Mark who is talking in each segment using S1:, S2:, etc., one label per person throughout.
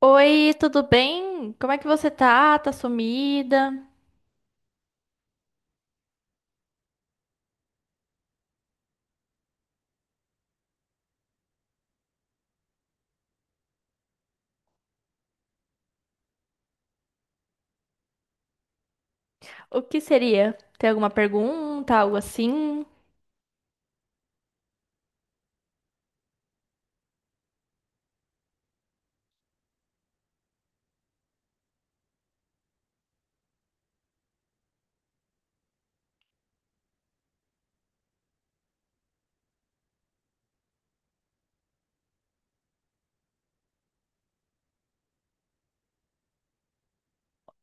S1: Oi, tudo bem? Como é que você tá? Tá sumida? O que seria? Tem alguma pergunta, algo assim?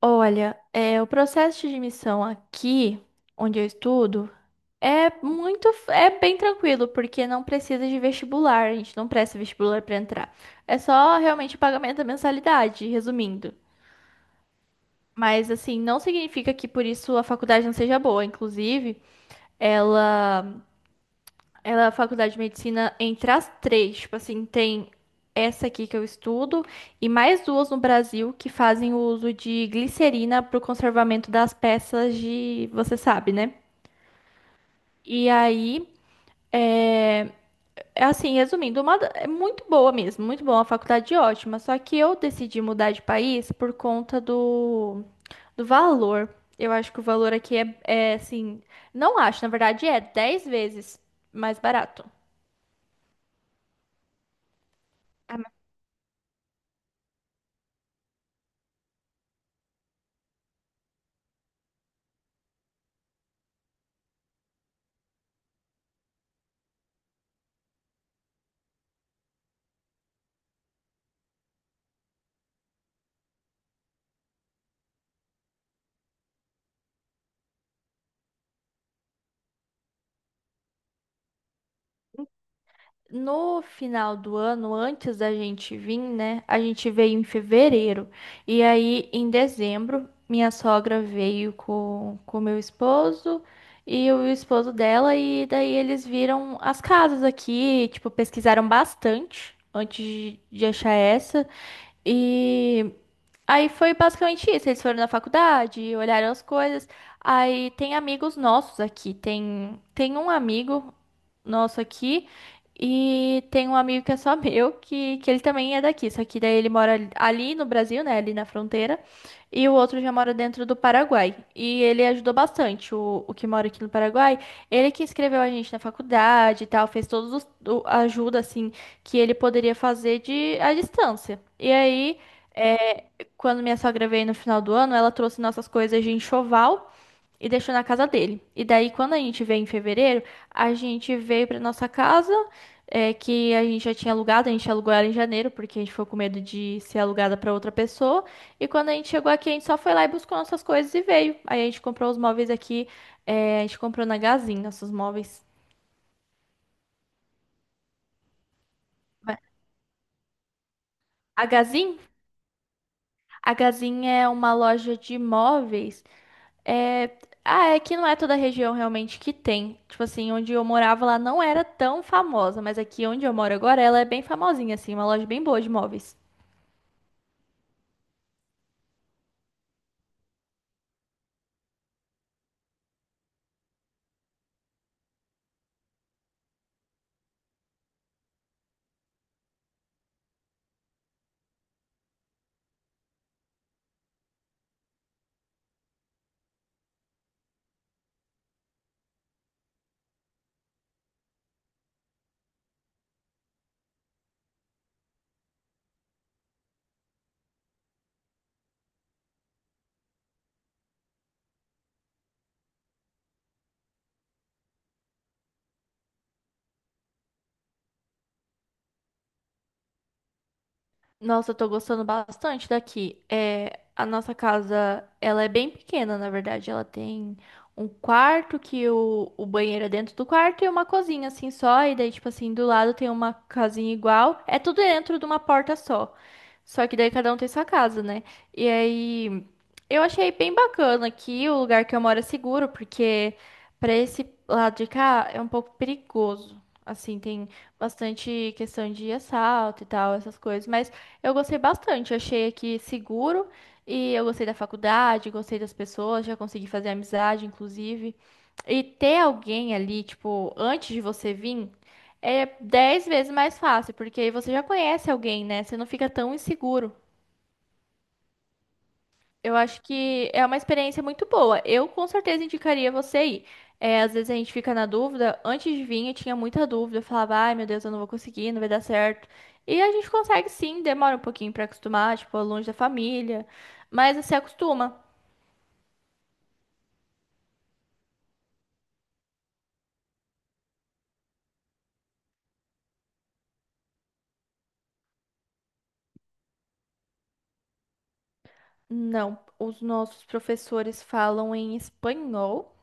S1: Olha, o processo de admissão aqui, onde eu estudo, é bem tranquilo, porque não precisa de vestibular, a gente não presta vestibular para entrar. É só realmente o pagamento da mensalidade, resumindo. Mas assim, não significa que por isso a faculdade não seja boa. Inclusive, ela é a faculdade de medicina, entre as três, tipo assim, tem essa aqui que eu estudo e mais duas no Brasil que fazem o uso de glicerina para o conservamento das peças de, você sabe, né? E aí, é, resumindo, é muito boa mesmo, muito boa, uma faculdade ótima, só que eu decidi mudar de país por conta do, do valor. Eu acho que o valor aqui não acho, na verdade é 10 vezes mais barato. No final do ano, antes da gente vir, né? A gente veio em fevereiro. E aí, em dezembro, minha sogra veio com meu esposo e o esposo dela. E daí eles viram as casas aqui, tipo, pesquisaram bastante antes de achar essa. E. Aí foi basicamente isso. Eles foram na faculdade, olharam as coisas. Aí tem amigos nossos aqui. Tem um amigo nosso aqui e tem um amigo que é só meu, que ele também é daqui. Só que daí ele mora ali no Brasil, né? Ali na fronteira. E o outro já mora dentro do Paraguai. E ele ajudou bastante, o que mora aqui no Paraguai. Ele que inscreveu a gente na faculdade e tal, fez todos os, a ajuda, assim, que ele poderia fazer de à distância. E aí, é, quando minha sogra veio no final do ano, ela trouxe nossas coisas de enxoval e deixou na casa dele. E daí, quando a gente veio em fevereiro, a gente veio pra nossa casa, é, que a gente já tinha alugado, a gente alugou ela em janeiro, porque a gente ficou com medo de ser alugada pra outra pessoa. E quando a gente chegou aqui, a gente só foi lá e buscou nossas coisas e veio. Aí a gente comprou os móveis aqui, é, a gente comprou na Gazin nossos móveis. A Gazin? A Gazin é uma loja de móveis. É... Ah, é que não é toda a região realmente que tem. Tipo assim, onde eu morava lá não era tão famosa, mas aqui onde eu moro agora ela é bem famosinha, assim, uma loja bem boa de móveis. Nossa, eu tô gostando bastante daqui. É, a nossa casa, ela é bem pequena, na verdade. Ela tem um quarto que o banheiro é dentro do quarto e uma cozinha assim só. E daí, tipo assim, do lado tem uma casinha igual. É tudo dentro de uma porta só. Só que daí cada um tem sua casa, né? E aí eu achei bem bacana aqui. O lugar que eu moro é seguro, porque pra esse lado de cá é um pouco perigoso. Assim, tem bastante questão de assalto e tal, essas coisas. Mas eu gostei bastante. Eu achei aqui seguro e eu gostei da faculdade, gostei das pessoas, já consegui fazer amizade, inclusive. E ter alguém ali, tipo, antes de você vir, é 10 vezes mais fácil, porque aí você já conhece alguém, né? Você não fica tão inseguro. Eu acho que é uma experiência muito boa. Eu com certeza indicaria você ir. É, às vezes a gente fica na dúvida. Antes de vir, eu tinha muita dúvida. Eu falava, ai meu Deus, eu não vou conseguir, não vai dar certo. E a gente consegue sim, demora um pouquinho pra acostumar, tipo, é longe da família. Mas você acostuma. Não, os nossos professores falam em espanhol.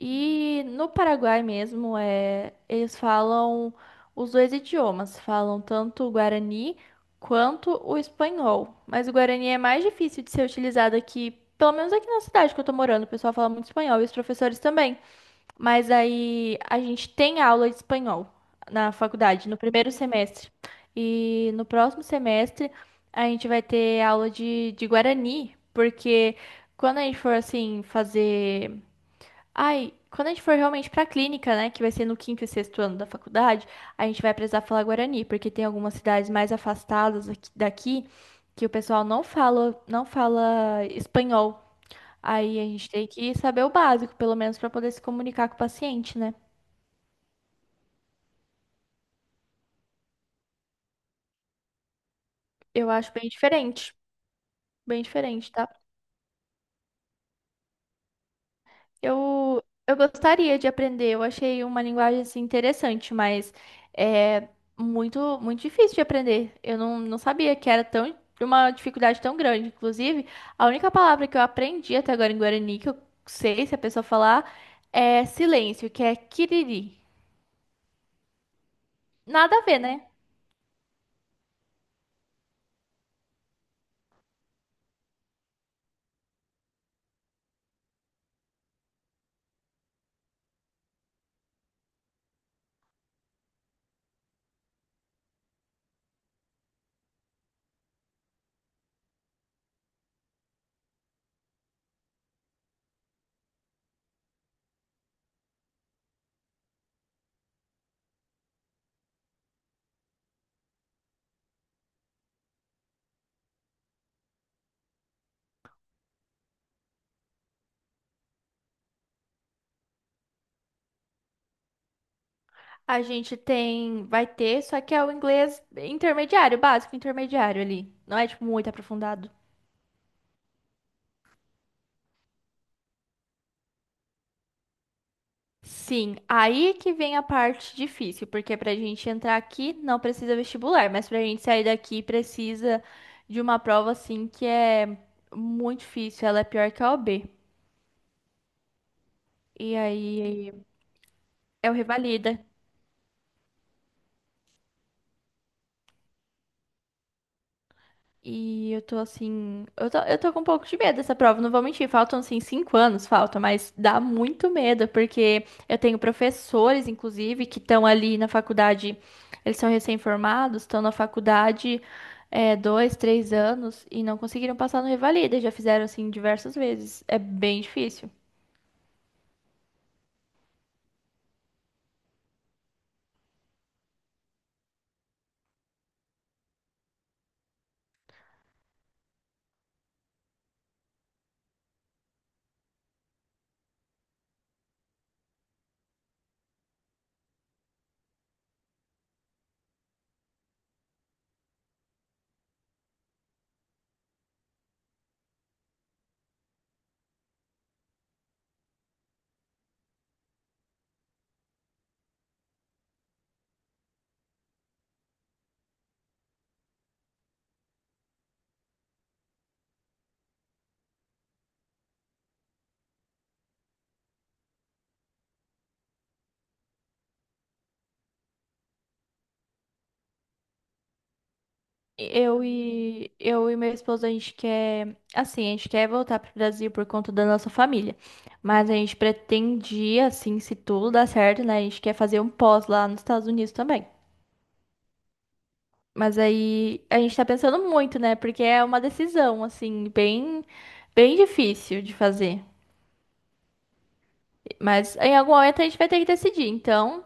S1: E no Paraguai mesmo, é, eles falam os dois idiomas, falam tanto o guarani quanto o espanhol. Mas o guarani é mais difícil de ser utilizado aqui, pelo menos aqui na cidade que eu tô morando. O pessoal fala muito espanhol e os professores também. Mas aí a gente tem aula de espanhol na faculdade, no primeiro semestre. E no próximo semestre a gente vai ter aula de guarani, porque quando a gente for assim fazer quando a gente for realmente pra clínica, né, que vai ser no quinto e sexto ano da faculdade, a gente vai precisar falar guarani, porque tem algumas cidades mais afastadas daqui que o pessoal não fala espanhol. Aí a gente tem que saber o básico, pelo menos, pra poder se comunicar com o paciente, né? Eu acho bem diferente, tá? Eu gostaria de aprender, eu achei uma linguagem assim, interessante, mas é muito, muito difícil de aprender. Eu não, não sabia que era tão, uma dificuldade tão grande. Inclusive, a única palavra que eu aprendi até agora em guarani, que eu sei se a pessoa falar, é silêncio, que é kiriri. Nada a ver, né? A gente tem, vai ter, só que é o inglês intermediário, básico, intermediário ali. Não é, tipo, muito aprofundado. Sim, aí que vem a parte difícil, porque para a gente entrar aqui não precisa vestibular, mas para a gente sair daqui precisa de uma prova assim que é muito difícil, ela é pior que a OB. E aí é o revalida. E eu tô assim. Eu tô com um pouco de medo dessa prova, não vou mentir. Faltam, assim, 5 anos, falta, mas dá muito medo, porque eu tenho professores, inclusive, que estão ali na faculdade. Eles são recém-formados, estão na faculdade é, 2, 3 anos e não conseguiram passar no Revalida. Já fizeram, assim, diversas vezes. É bem difícil. Eu e meu esposo, a gente quer, assim, a gente quer voltar pro Brasil por conta da nossa família. Mas a gente pretendia, assim, se tudo dar certo, né? A gente quer fazer um pós lá nos Estados Unidos também. Mas aí a gente tá pensando muito, né? Porque é uma decisão, assim, bem difícil de fazer. Mas em algum momento a gente vai ter que decidir. Então,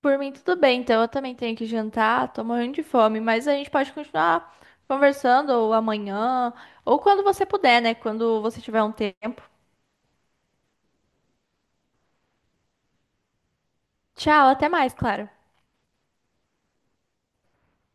S1: Por mim, tudo bem, então eu também tenho que jantar, tô morrendo de fome, mas a gente pode continuar conversando ou amanhã, ou quando você puder, né? Quando você tiver um tempo. Tchau, até mais, Clara.